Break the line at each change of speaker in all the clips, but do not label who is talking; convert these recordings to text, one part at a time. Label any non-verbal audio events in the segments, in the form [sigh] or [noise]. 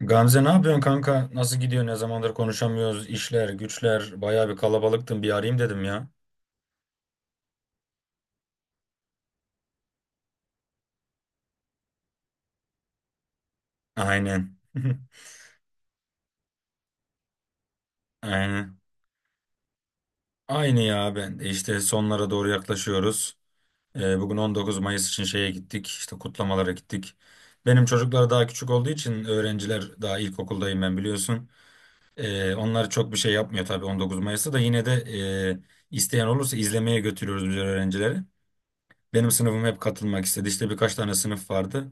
Gamze ne yapıyorsun kanka? Nasıl gidiyor? Ne zamandır konuşamıyoruz? İşler, güçler, bayağı bir kalabalıktın. Bir arayayım dedim ya. Aynen. [laughs] Aynen. Aynı ya ben de işte sonlara doğru yaklaşıyoruz. Bugün 19 Mayıs için şeye gittik. İşte kutlamalara gittik. Benim çocuklar daha küçük olduğu için öğrenciler daha ilkokuldayım ben biliyorsun. Onlar çok bir şey yapmıyor tabii 19 Mayıs'ta da yine de isteyen olursa izlemeye götürüyoruz biz öğrencileri. Benim sınıfım hep katılmak istedi. İşte birkaç tane sınıf vardı.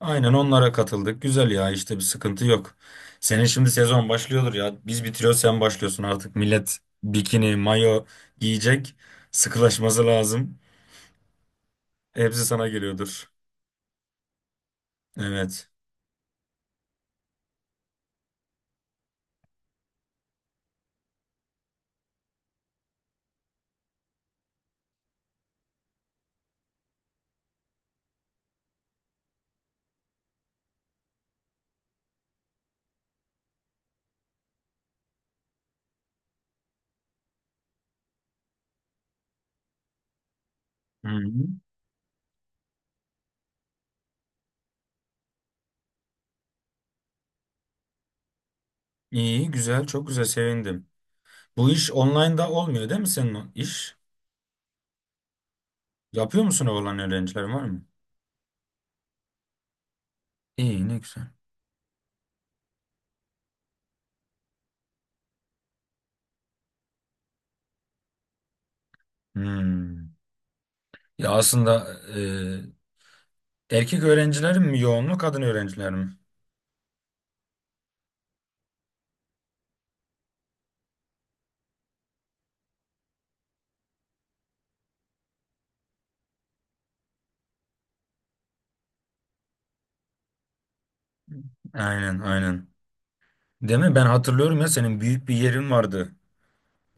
Aynen onlara katıldık. Güzel ya işte bir sıkıntı yok. Senin şimdi sezon başlıyordur ya. Biz bitiriyoruz sen başlıyorsun artık. Millet bikini, mayo giyecek. Sıkılaşması lazım. Hepsi sana geliyordur. Evet. Hı hı. İyi, güzel, çok güzel sevindim. Bu iş online'da olmuyor değil mi senin o iş? Yapıyor musun olan öğrenciler var mı? İyi, ne güzel. Hmm. Ya aslında e, erkek öğrenciler mi yoğunluk, kadın öğrenciler mi? Aynen, aynen. Değil mi? Ben hatırlıyorum ya senin büyük bir yerin vardı.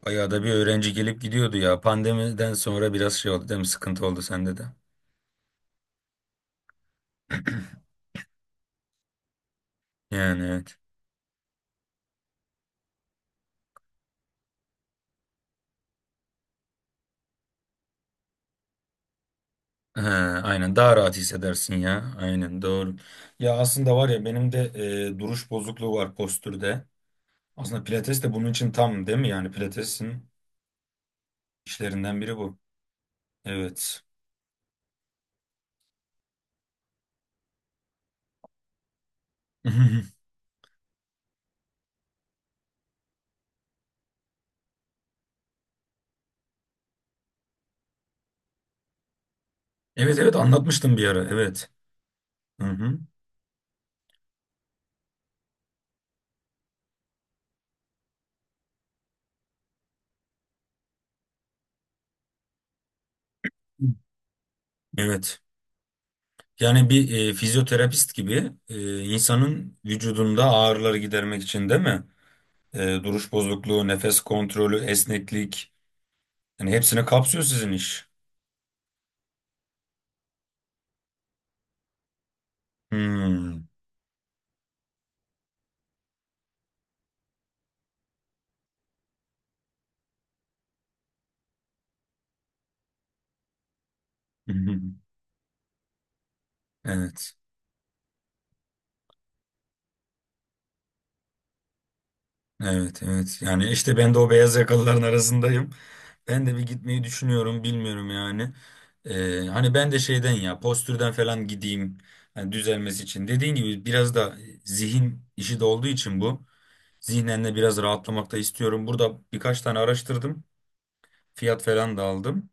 Ayağda bir öğrenci gelip gidiyordu ya. Pandemiden sonra biraz şey oldu değil mi? Sıkıntı oldu sende de. [clears throat] Yani evet. Ha, aynen daha rahat hissedersin ya. Aynen doğru. Ya aslında var ya benim de duruş bozukluğu var postürde. Aslında pilates de bunun için tam değil mi? Yani pilatesin işlerinden biri bu. Evet. [laughs] Evet evet anlatmıştım bir ara. Evet. Hı hı. Evet. Yani bir fizyoterapist gibi insanın vücudunda ağrıları gidermek için değil mi? E, duruş bozukluğu, nefes kontrolü, esneklik. Yani hepsini kapsıyor sizin iş. Hmm. [laughs] Evet. Evet, evet. Yani işte ben de o beyaz yakalıların arasındayım. Ben de bir gitmeyi düşünüyorum, bilmiyorum yani. E, hani ben de şeyden ya, postürden falan gideyim. Hani düzelmesi için. Dediğin gibi biraz da zihin işi de olduğu için bu. Zihnen de biraz rahatlamak da istiyorum. Burada birkaç tane araştırdım. Fiyat falan da aldım.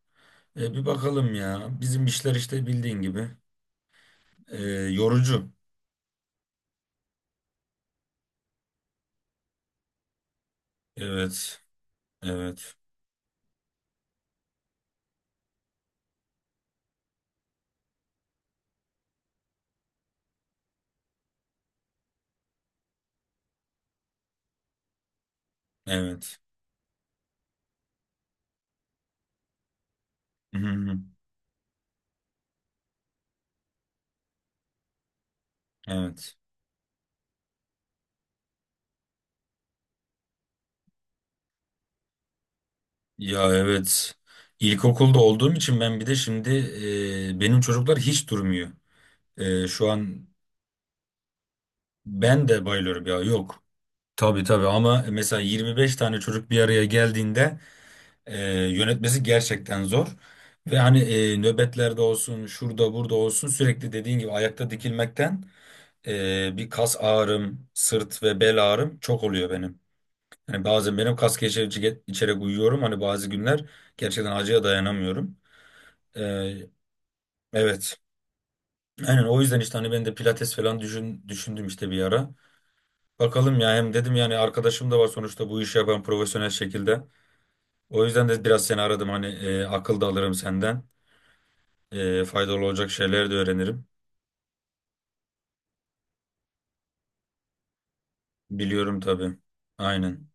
E, bir bakalım ya. Bizim işler işte bildiğin gibi. E, yorucu. Evet. Evet. Evet. Hı hı. Evet. Ya evet. İlkokulda olduğum için ben bir de şimdi benim çocuklar hiç durmuyor. E, şu an ben de bayılıyorum ya. Yok. Tabii tabii ama mesela 25 tane çocuk bir araya geldiğinde yönetmesi gerçekten zor. Ve hani nöbetlerde olsun, şurada burada olsun sürekli dediğin gibi ayakta dikilmekten bir kas ağrım, sırt ve bel ağrım çok oluyor benim. Hani bazen benim kas gevşetici içerek uyuyorum. Hani bazı günler gerçekten acıya dayanamıyorum. E, evet. Aynen o yüzden işte hani ben de pilates falan düşündüm işte bir ara. Bakalım ya hem dedim yani arkadaşım da var sonuçta bu işi yapan profesyonel şekilde. O yüzden de biraz seni aradım hani akıl da alırım senden. E, faydalı olacak şeyler de öğrenirim. Biliyorum tabii. Aynen.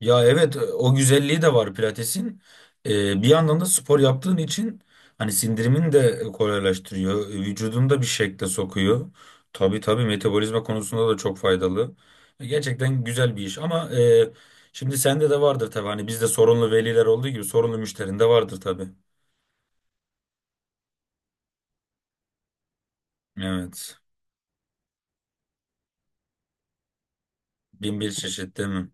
Ya evet o güzelliği de var pilatesin. E, bir yandan da spor yaptığın için hani sindirimin de kolaylaştırıyor. Vücudunu da bir şekle sokuyor. Tabii tabii metabolizma konusunda da çok faydalı. Gerçekten güzel bir iş ama şimdi sende de vardır tabii. Hani bizde sorunlu veliler olduğu gibi sorunlu müşterin de vardır tabii. Evet. Bin bir çeşit değil mi?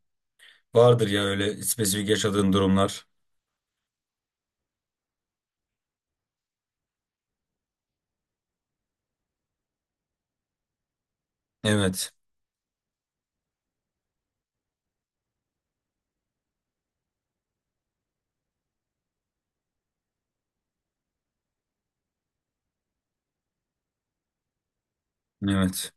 Vardır ya öyle spesifik yaşadığın durumlar. Evet. Evet.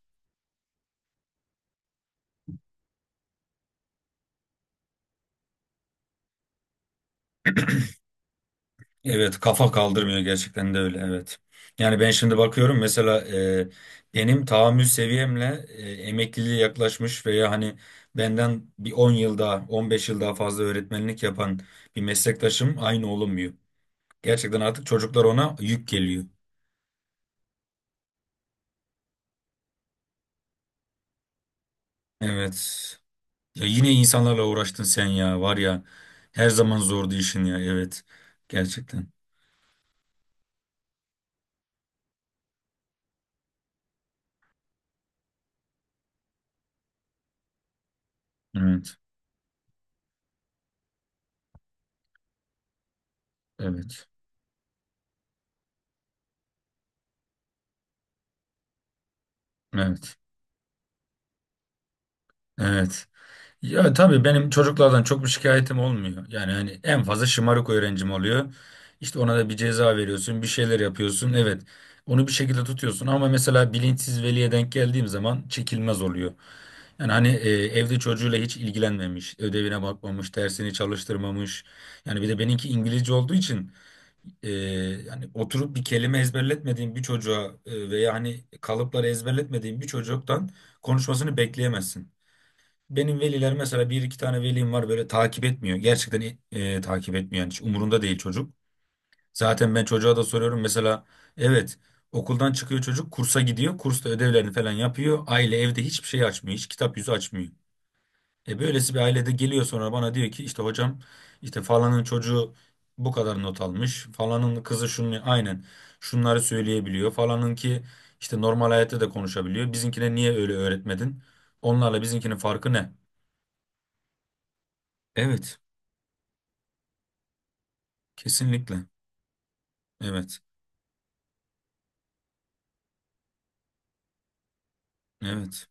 Evet kafa kaldırmıyor gerçekten de öyle evet. Yani ben şimdi bakıyorum mesela benim tahammül seviyemle emekliliğe yaklaşmış veya hani benden bir 10 yıl daha 15 yıl daha fazla öğretmenlik yapan bir meslektaşım aynı olunmuyor. Gerçekten artık çocuklar ona yük geliyor. Evet. Ya yine insanlarla uğraştın sen ya var ya her zaman zordu işin ya evet. Gerçekten. Evet. Evet. Evet. Evet. Ya tabii benim çocuklardan çok bir şikayetim olmuyor. Yani hani en fazla şımarık öğrencim oluyor. İşte ona da bir ceza veriyorsun, bir şeyler yapıyorsun. Evet, onu bir şekilde tutuyorsun ama mesela bilinçsiz veliye denk geldiğim zaman çekilmez oluyor. Yani hani evde çocuğuyla hiç ilgilenmemiş, ödevine bakmamış, dersini çalıştırmamış. Yani bir de benimki İngilizce olduğu için e, yani oturup bir kelime ezberletmediğim bir çocuğa veya hani kalıpları ezberletmediğim bir çocuktan konuşmasını bekleyemezsin. Benim veliler mesela bir iki tane velim var böyle takip etmiyor. Gerçekten takip etmiyor. Yani hiç umurunda değil çocuk. Zaten ben çocuğa da soruyorum mesela, evet, okuldan çıkıyor çocuk kursa gidiyor. Kursta ödevlerini falan yapıyor. Aile evde hiçbir şey açmıyor. Hiç kitap yüzü açmıyor. E, böylesi bir ailede geliyor sonra bana diyor ki işte hocam işte falanın çocuğu bu kadar not almış. Falanın kızı şunu aynen şunları söyleyebiliyor. Falanın ki işte normal hayatta da konuşabiliyor. Bizimkine niye öyle öğretmedin? Onlarla bizimkinin farkı ne? Evet. Kesinlikle. Evet. Evet.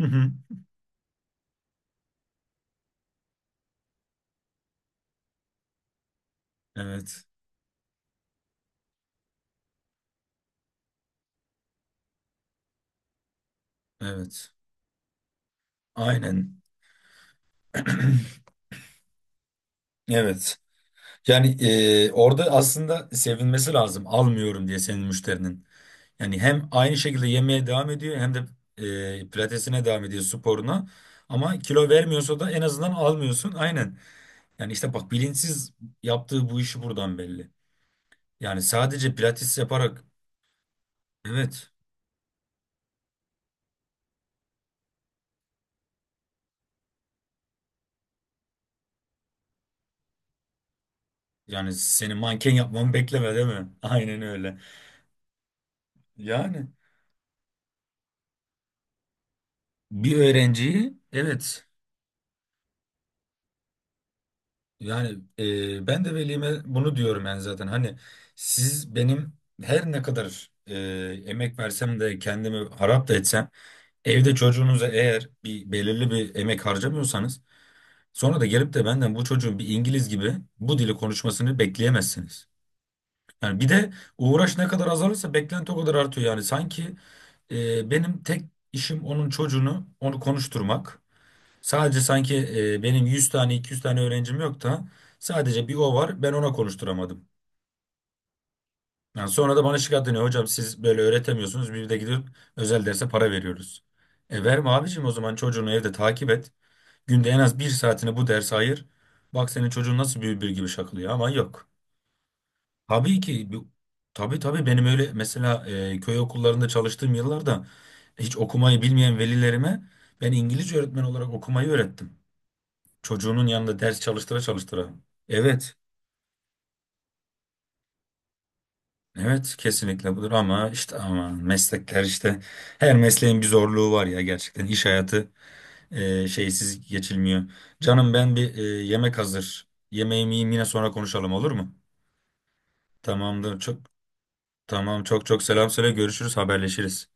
Hı hı. Evet. Evet. Aynen. Evet. Yani orada aslında sevinmesi lazım. Almıyorum diye senin müşterinin. Yani hem aynı şekilde yemeye devam ediyor hem de pilatesine devam ediyor sporuna. Ama kilo vermiyorsa da en azından almıyorsun. Aynen. Yani işte bak bilinçsiz yaptığı bu işi buradan belli. Yani sadece pilates yaparak, evet. Yani seni manken yapmamı bekleme değil mi? [laughs] Aynen öyle. Yani. Bir öğrenciyi, evet, yani ben de velime bunu diyorum yani zaten hani siz benim her ne kadar emek versem de kendimi harap da etsem evde çocuğunuza eğer bir belirli bir emek harcamıyorsanız sonra da gelip de benden bu çocuğun bir İngiliz gibi bu dili konuşmasını bekleyemezsiniz. Yani bir de uğraş ne kadar azalırsa beklenti o kadar artıyor yani sanki benim tek işim onun çocuğunu onu konuşturmak. Sadece sanki benim 100 tane 200 tane öğrencim yok da sadece bir o var ben ona konuşturamadım. Yani sonra da bana şikayet ediyor hocam siz böyle öğretemiyorsunuz bir de gidip özel derse para veriyoruz. E verme abicim o zaman çocuğunu evde takip et. Günde en az bir saatini bu derse ayır. Bak senin çocuğun nasıl bülbül gibi şakılıyor ama yok. Tabii ki bu- tabii tabii benim öyle mesela köy okullarında çalıştığım yıllarda hiç okumayı bilmeyen velilerime ben İngilizce öğretmen olarak okumayı öğrettim. Çocuğunun yanında ders çalıştıra çalıştıra. Evet. Evet kesinlikle budur ama işte ama meslekler işte her mesleğin bir zorluğu var ya gerçekten iş hayatı şeysiz geçilmiyor. Canım ben bir yemek hazır. Yemeğimi yiyeyim yine sonra konuşalım olur mu? Tamamdır çok tamam çok çok selam söyle görüşürüz haberleşiriz.